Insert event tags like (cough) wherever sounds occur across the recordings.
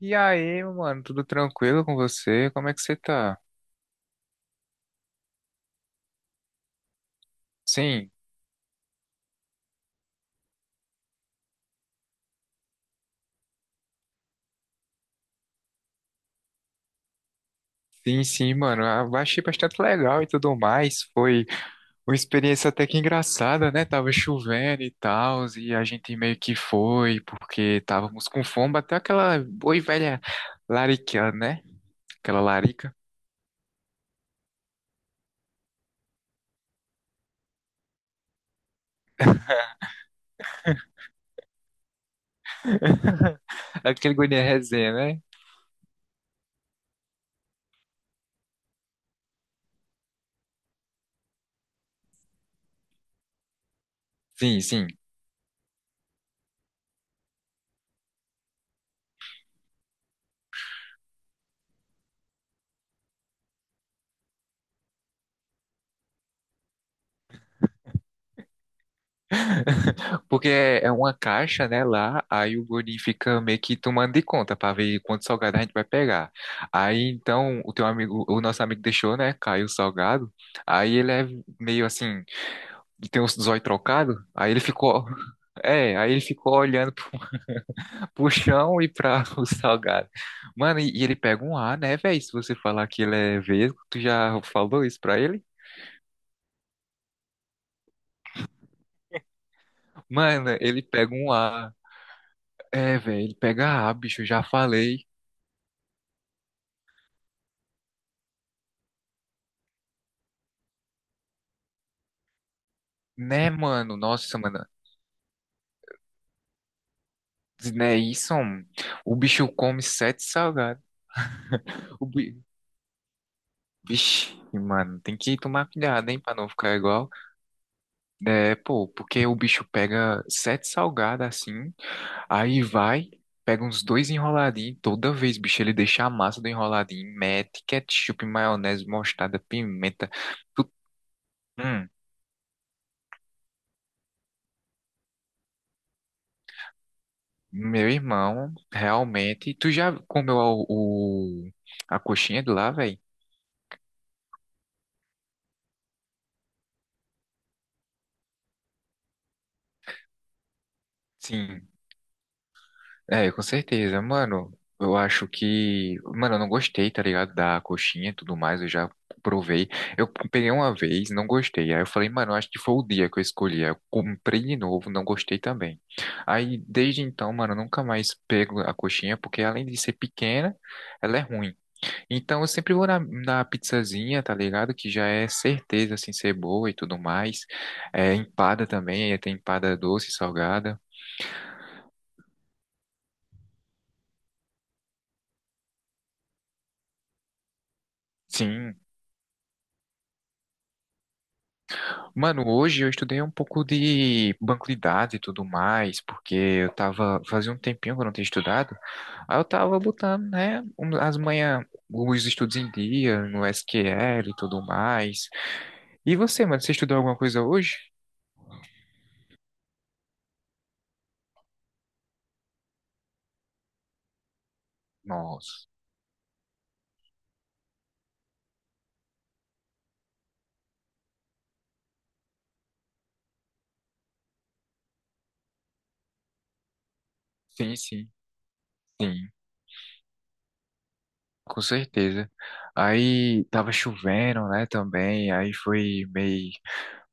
E aí, meu mano, tudo tranquilo com você? Como é que você tá? Sim, sim, mano. Ah, eu achei bastante legal e tudo mais. Foi uma experiência até que engraçada, né? Tava chovendo e tal, e a gente meio que foi, porque távamos com fome, até aquela boa e velha larica, né? Aquela larica. (laughs) Aquele guri de resenha, né? Sim, sim. (laughs) Porque é uma caixa, né, lá, aí o gordinho fica meio que tomando de conta pra ver quanto salgado a gente vai pegar. Aí então o teu amigo, o nosso amigo deixou, né, caiu o salgado. Aí ele é meio assim, tem os olhos trocados, aí ele ficou. (laughs) É, aí ele ficou olhando pro, (laughs) pro chão e pra (laughs) o salgado. Mano, e ele pega um ar, né, velho? Se você falar que ele é vesgo, tu já falou isso pra ele? Mano, ele pega um ar. É, velho, ele pega ar, bicho, eu já falei. Né, mano? Nossa, mano. Né, isso, mano. O bicho come sete salgados. O bi... Vixe, mano, tem que tomar cuidado, hein, pra não ficar igual. É, pô, porque o bicho pega sete salgados assim, aí vai, pega uns dois enroladinhos. Toda vez, bicho, ele deixa a massa do enroladinho, mete ketchup, maionese, mostarda, pimenta. Tu... Hum, meu irmão, realmente. Tu já comeu a coxinha de lá, velho? Sim. É, com certeza. Mano, eu acho que. Mano, eu não gostei, tá ligado? Da coxinha e tudo mais, eu já provei. Eu peguei uma vez, não gostei. Aí eu falei, mano, eu acho que foi o dia que eu escolhi. Aí eu comprei de novo, não gostei também. Aí desde então, mano, eu nunca mais pego a coxinha, porque além de ser pequena, ela é ruim. Então eu sempre vou na, na pizzazinha, tá ligado? Que já é certeza, assim, ser boa e tudo mais. É, empada também, tem empada doce, salgada. Sim, mano, hoje eu estudei um pouco de banco de dados e tudo mais, porque eu tava, fazia um tempinho que eu não tinha estudado, aí eu tava botando, né, um- as manhã, os estudos em dia, no SQL e tudo mais. E você, mano, você estudou alguma coisa hoje? Nossa, sim, sim, sim, com certeza. Aí tava chovendo, né, também, aí foi meio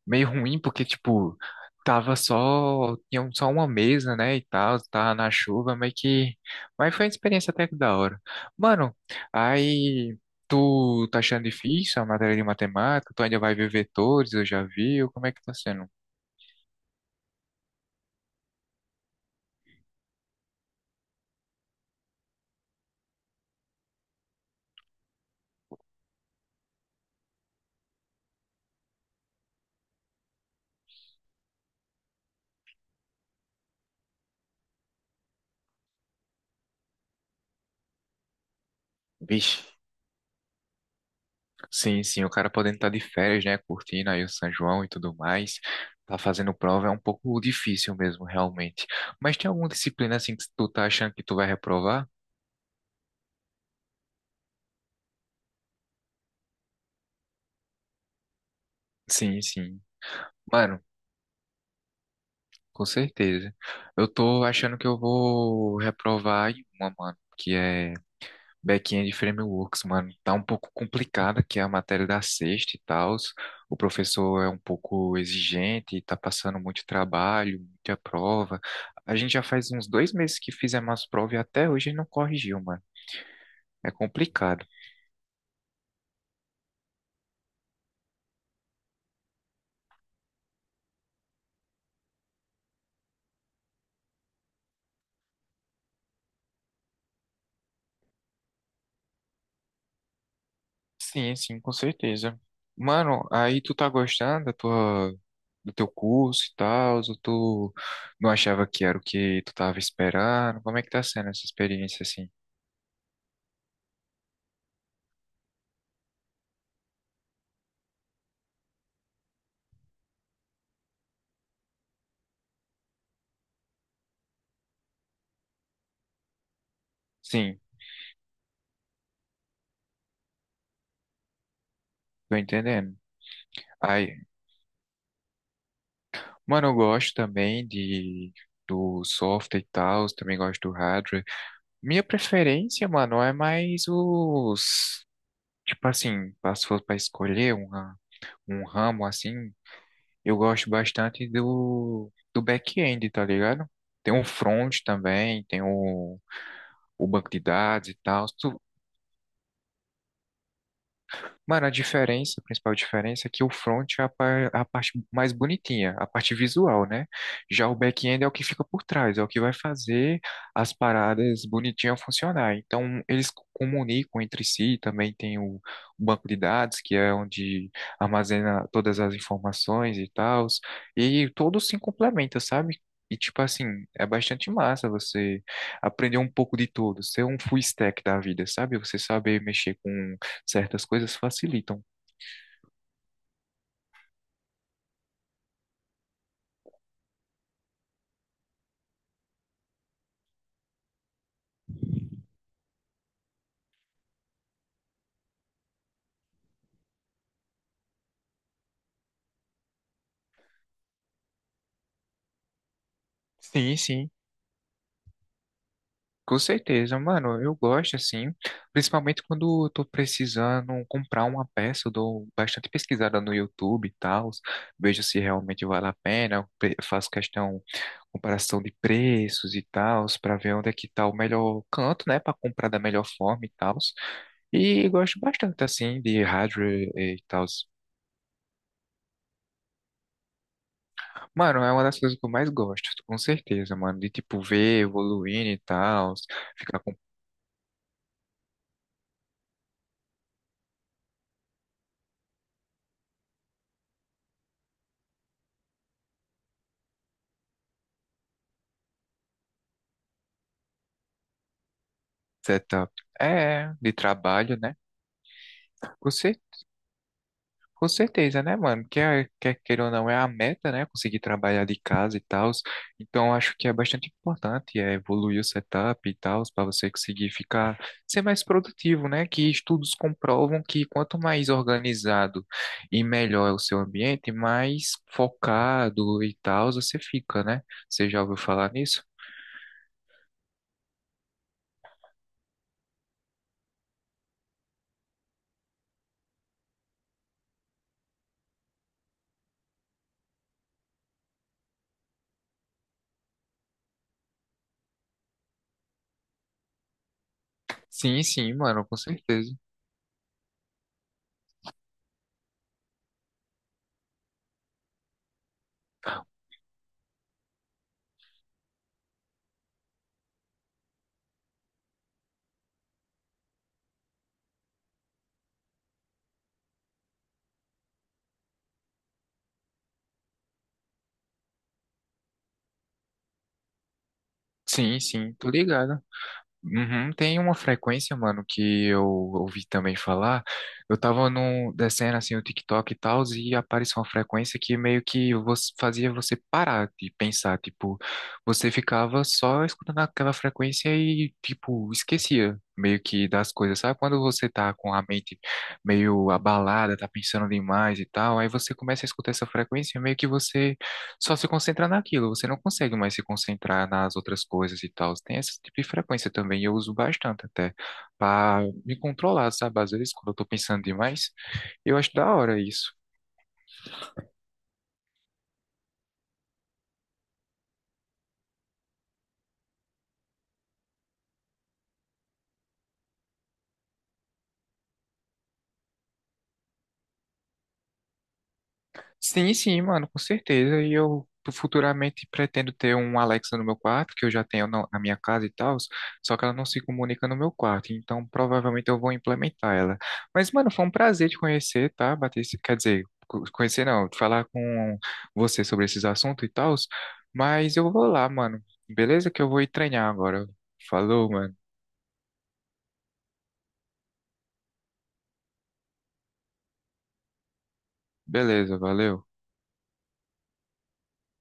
meio ruim, porque, tipo, tava só, tinha um- só uma mesa, né, e tal, tava na chuva, meio que, mas foi uma experiência até que da hora. Mano, aí, tu tá achando difícil a matéria de matemática? Tu ainda vai ver vetores, eu já vi, ou como é que tá sendo? Vixe, sim, sim, o cara podendo estar de férias, né, curtindo aí o São João e tudo mais, tá fazendo prova, é um pouco difícil mesmo, realmente. Mas tem alguma disciplina, assim, que tu tá achando que tu vai reprovar? Sim, sim. Mano, com certeza. Eu tô achando que eu vou reprovar em uma, mano, que é Back-end Frameworks, mano. Tá um pouco complicada, que é a matéria da sexta e tal. O professor é um pouco exigente, tá passando muito trabalho, muita prova. A gente já faz uns dois meses que fizemos as provas e até hoje ele não corrigiu, mano. É complicado. Sim, sim, com certeza. Mano, aí tu tá gostando da tua, do teu curso e tal, ou tu não achava que era o que tu tava esperando? Como é que tá sendo essa experiência assim? Sim, tô entendendo. Aí, mano, eu gosto também de do software e tal, também gosto do hardware. Minha preferência, mano, é mais os, tipo assim, se fosse pra escolher uma, um ramo assim, eu gosto bastante do back-end, tá ligado? Tem um front também, tem o banco de dados e tal. Mano, a diferença, a principal diferença é que o front é a, par- é a parte mais bonitinha, a parte visual, né? Já o back-end é o que fica por trás, é o que vai fazer as paradas bonitinhas funcionar. Então, eles co- comunicam entre si, também tem o banco de dados, que é onde armazena todas as informações e tal, e todos se complementam, sabe? E, tipo assim, é bastante massa você aprender um pouco de tudo, ser um full stack da vida, sabe? Você saber mexer com certas coisas facilitam. Sim, sim. Com certeza, mano, eu gosto assim, principalmente quando eu tô precisando comprar uma peça, eu dou bastante pesquisada no YouTube e tal, vejo se realmente vale a pena, eu pre- faço questão, comparação de preços e tal, para ver onde é que tá o melhor canto, né, para comprar da melhor forma e tal. E gosto bastante assim de hardware e tal. Mano, é uma das coisas que eu mais gosto, com certeza, mano, de tipo ver evoluindo e tal, ficar. Setup. É, de trabalho, né? Com, cer- com certeza, né, mano? Quer, quer queira ou não, é a meta, né? Conseguir trabalhar de casa e tal. Então, acho que é bastante importante é, evoluir o setup e tal, para você conseguir ficar, ser mais produtivo, né? Que estudos comprovam que quanto mais organizado e melhor é o seu ambiente, mais focado e tal você fica, né? Você já ouviu falar nisso? Sim, sim, mano, com certeza. Sim, sim, tô ligado. Uhum, tem uma frequência, mano, que eu ouvi também falar. Eu tava num, descendo assim o TikTok e tal, e apareceu uma frequência que meio que você, fazia você parar de pensar. Tipo, você ficava só escutando aquela frequência e, tipo, esquecia meio que das coisas. Sabe quando você tá com a mente meio abalada, tá pensando demais e tal, aí você começa a escutar essa frequência, e meio que você só se concentra naquilo, você não consegue mais se concentrar nas outras coisas e tal. Tem esse tipo de frequência também, eu uso bastante até, para me controlar, sabe? Às vezes, quando eu tô pensando demais, eu acho da hora isso. Sim, sim, mano, com certeza. E eu futuramente pretendo ter um Alexa no meu quarto, que eu já tenho na minha casa e tal, só que ela não se comunica no meu quarto, então provavelmente eu vou implementar ela. Mas, mano, foi um prazer te conhecer, tá? Bater, esse- quer dizer, co- conhecer não, falar com você sobre esses assuntos e tal, mas eu vou lá, mano. Beleza? Que eu vou ir treinar agora. Falou, mano. Beleza, valeu.